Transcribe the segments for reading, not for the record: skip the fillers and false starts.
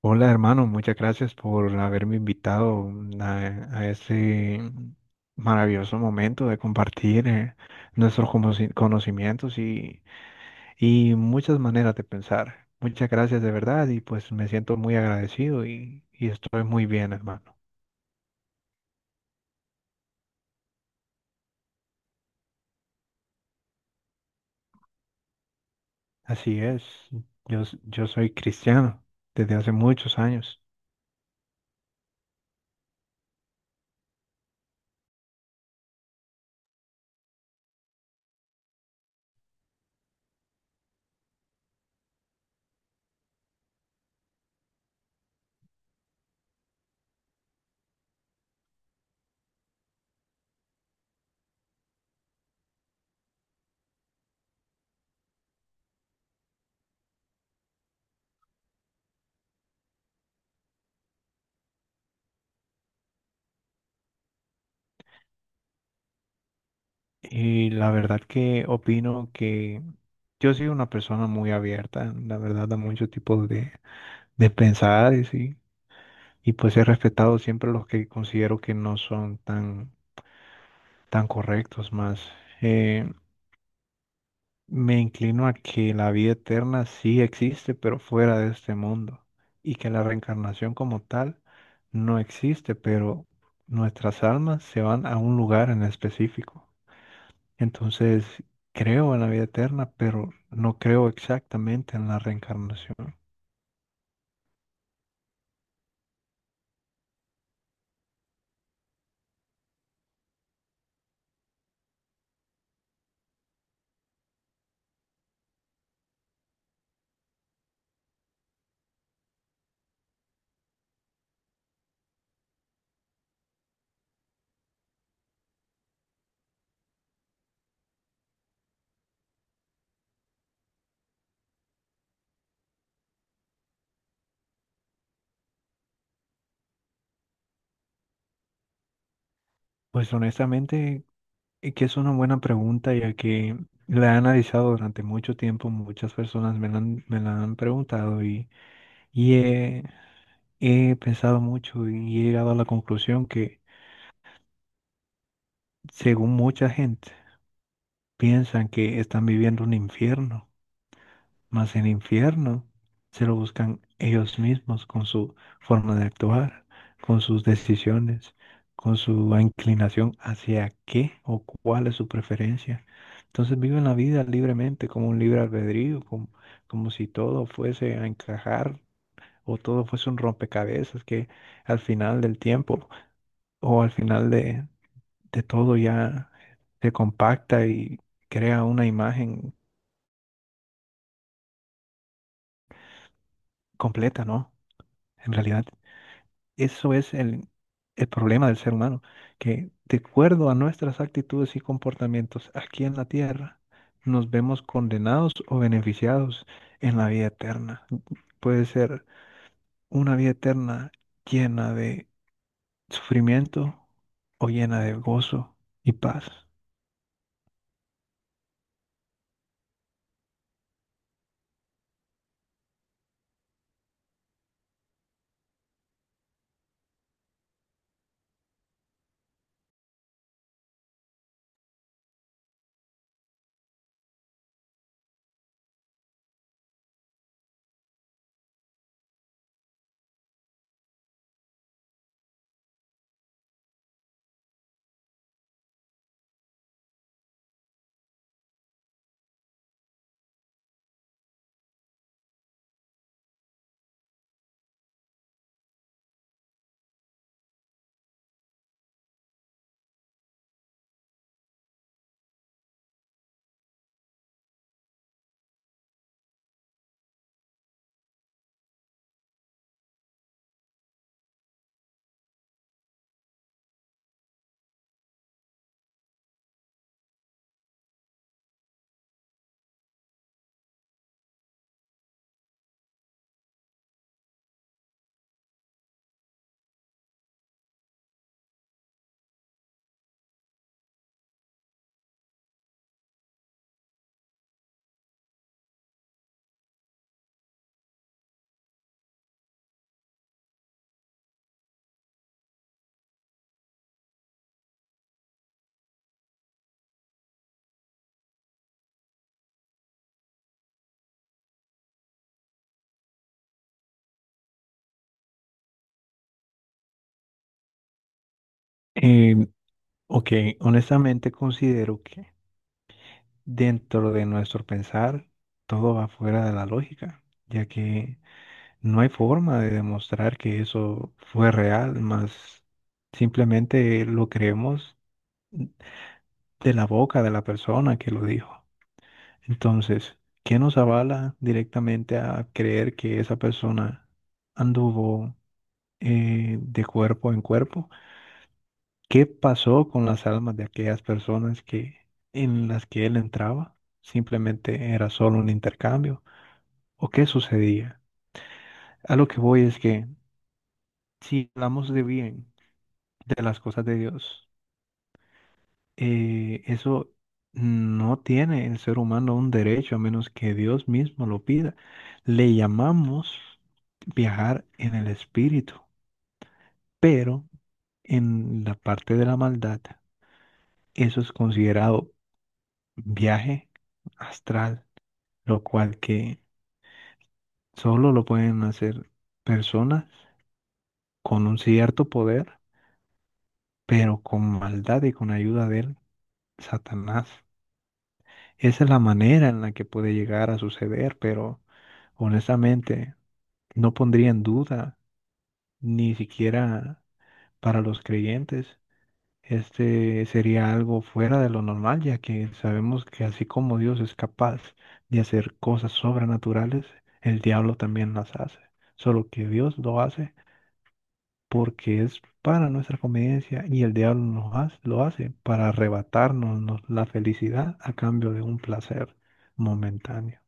Hola hermano, muchas gracias por haberme invitado a, a ese maravilloso momento de compartir conocimientos y muchas maneras de pensar. Muchas gracias de verdad y pues me siento muy agradecido y estoy muy bien hermano. Así es, yo soy cristiano desde hace muchos años y la verdad que opino que yo soy una persona muy abierta, la verdad, a muchos tipos de pensares. Y pues he respetado siempre los que considero que no son tan correctos más. Eh, Me inclino a que la vida eterna sí existe, pero fuera de este mundo. Y que la reencarnación como tal no existe, pero nuestras almas se van a un lugar en específico. Entonces, creo en la vida eterna, pero no creo exactamente en la reencarnación. Pues honestamente, y que es una buena pregunta, ya que la he analizado durante mucho tiempo, muchas personas me la han preguntado y he, he pensado mucho y he llegado a la conclusión que, según mucha gente, piensan que están viviendo un infierno. Mas el infierno se lo buscan ellos mismos con su forma de actuar, con sus decisiones, con su inclinación hacia qué o cuál es su preferencia. Entonces viven la vida libremente, como un libre albedrío, como si todo fuese a encajar o todo fuese un rompecabezas que al final del tiempo o al final de todo ya se compacta y crea una imagen completa, ¿no? En realidad. Eso es el problema del ser humano, que de acuerdo a nuestras actitudes y comportamientos aquí en la tierra, nos vemos condenados o beneficiados en la vida eterna. Puede ser una vida eterna llena de sufrimiento o llena de gozo y paz. Eh, ok, honestamente considero que dentro de nuestro pensar todo va fuera de la lógica, ya que no hay forma de demostrar que eso fue real, más simplemente lo creemos de la boca de la persona que lo dijo. Entonces, ¿qué nos avala directamente a creer que esa persona anduvo de cuerpo en cuerpo? ¿Qué pasó con las almas de aquellas personas que en las que él entraba? Simplemente era solo un intercambio. ¿O qué sucedía? A lo que voy es que si hablamos de bien de las cosas de Dios. Eso no tiene el ser humano un derecho a menos que Dios mismo lo pida. Le llamamos viajar en el espíritu, pero en la parte de la maldad, eso es considerado viaje astral, lo cual que solo lo pueden hacer personas con un cierto poder, pero con maldad y con ayuda de Satanás. Esa es la manera en la que puede llegar a suceder, pero honestamente no pondría en duda, ni siquiera para los creyentes, este sería algo fuera de lo normal, ya que sabemos que así como Dios es capaz de hacer cosas sobrenaturales, el diablo también las hace, solo que Dios lo hace porque es para nuestra conveniencia y el diablo lo hace para arrebatarnos la felicidad a cambio de un placer momentáneo.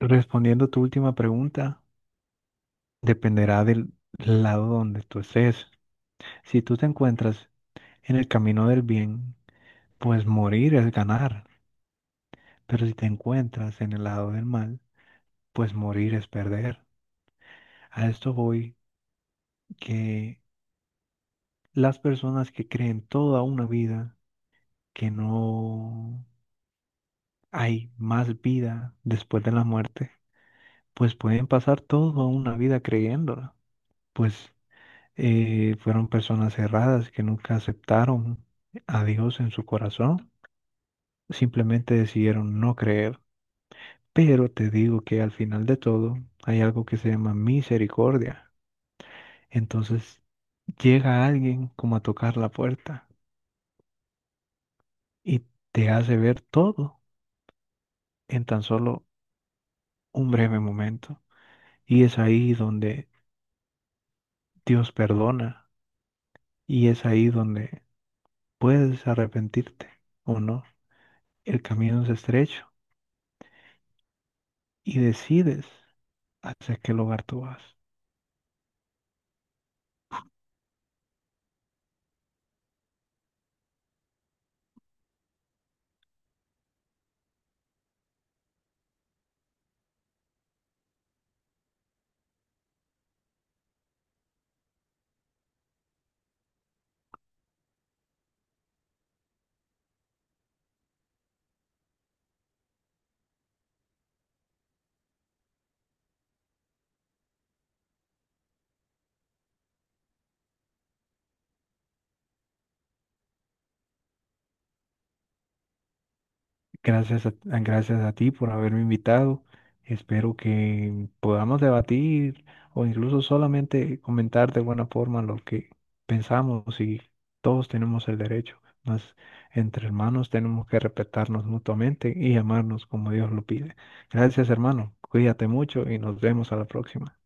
Respondiendo a tu última pregunta, dependerá del lado donde tú estés. Si tú te encuentras en el camino del bien, pues morir es ganar. Pero si te encuentras en el lado del mal, pues morir es perder. A esto voy que las personas que creen toda una vida que no hay más vida después de la muerte, pues pueden pasar toda una vida creyéndola. Pues fueron personas cerradas que nunca aceptaron a Dios en su corazón, simplemente decidieron no creer. Pero te digo que al final de todo hay algo que se llama misericordia. Entonces llega alguien como a tocar la puerta y te hace ver todo en tan solo un breve momento. Y es ahí donde Dios perdona y es ahí donde puedes arrepentirte o no. El camino es estrecho y decides hacia qué lugar tú vas. Gracias a ti por haberme invitado. Espero que podamos debatir o incluso solamente comentar de buena forma lo que pensamos y todos tenemos el derecho. Mas entre hermanos tenemos que respetarnos mutuamente y amarnos como Dios lo pide. Gracias, hermano. Cuídate mucho y nos vemos a la próxima.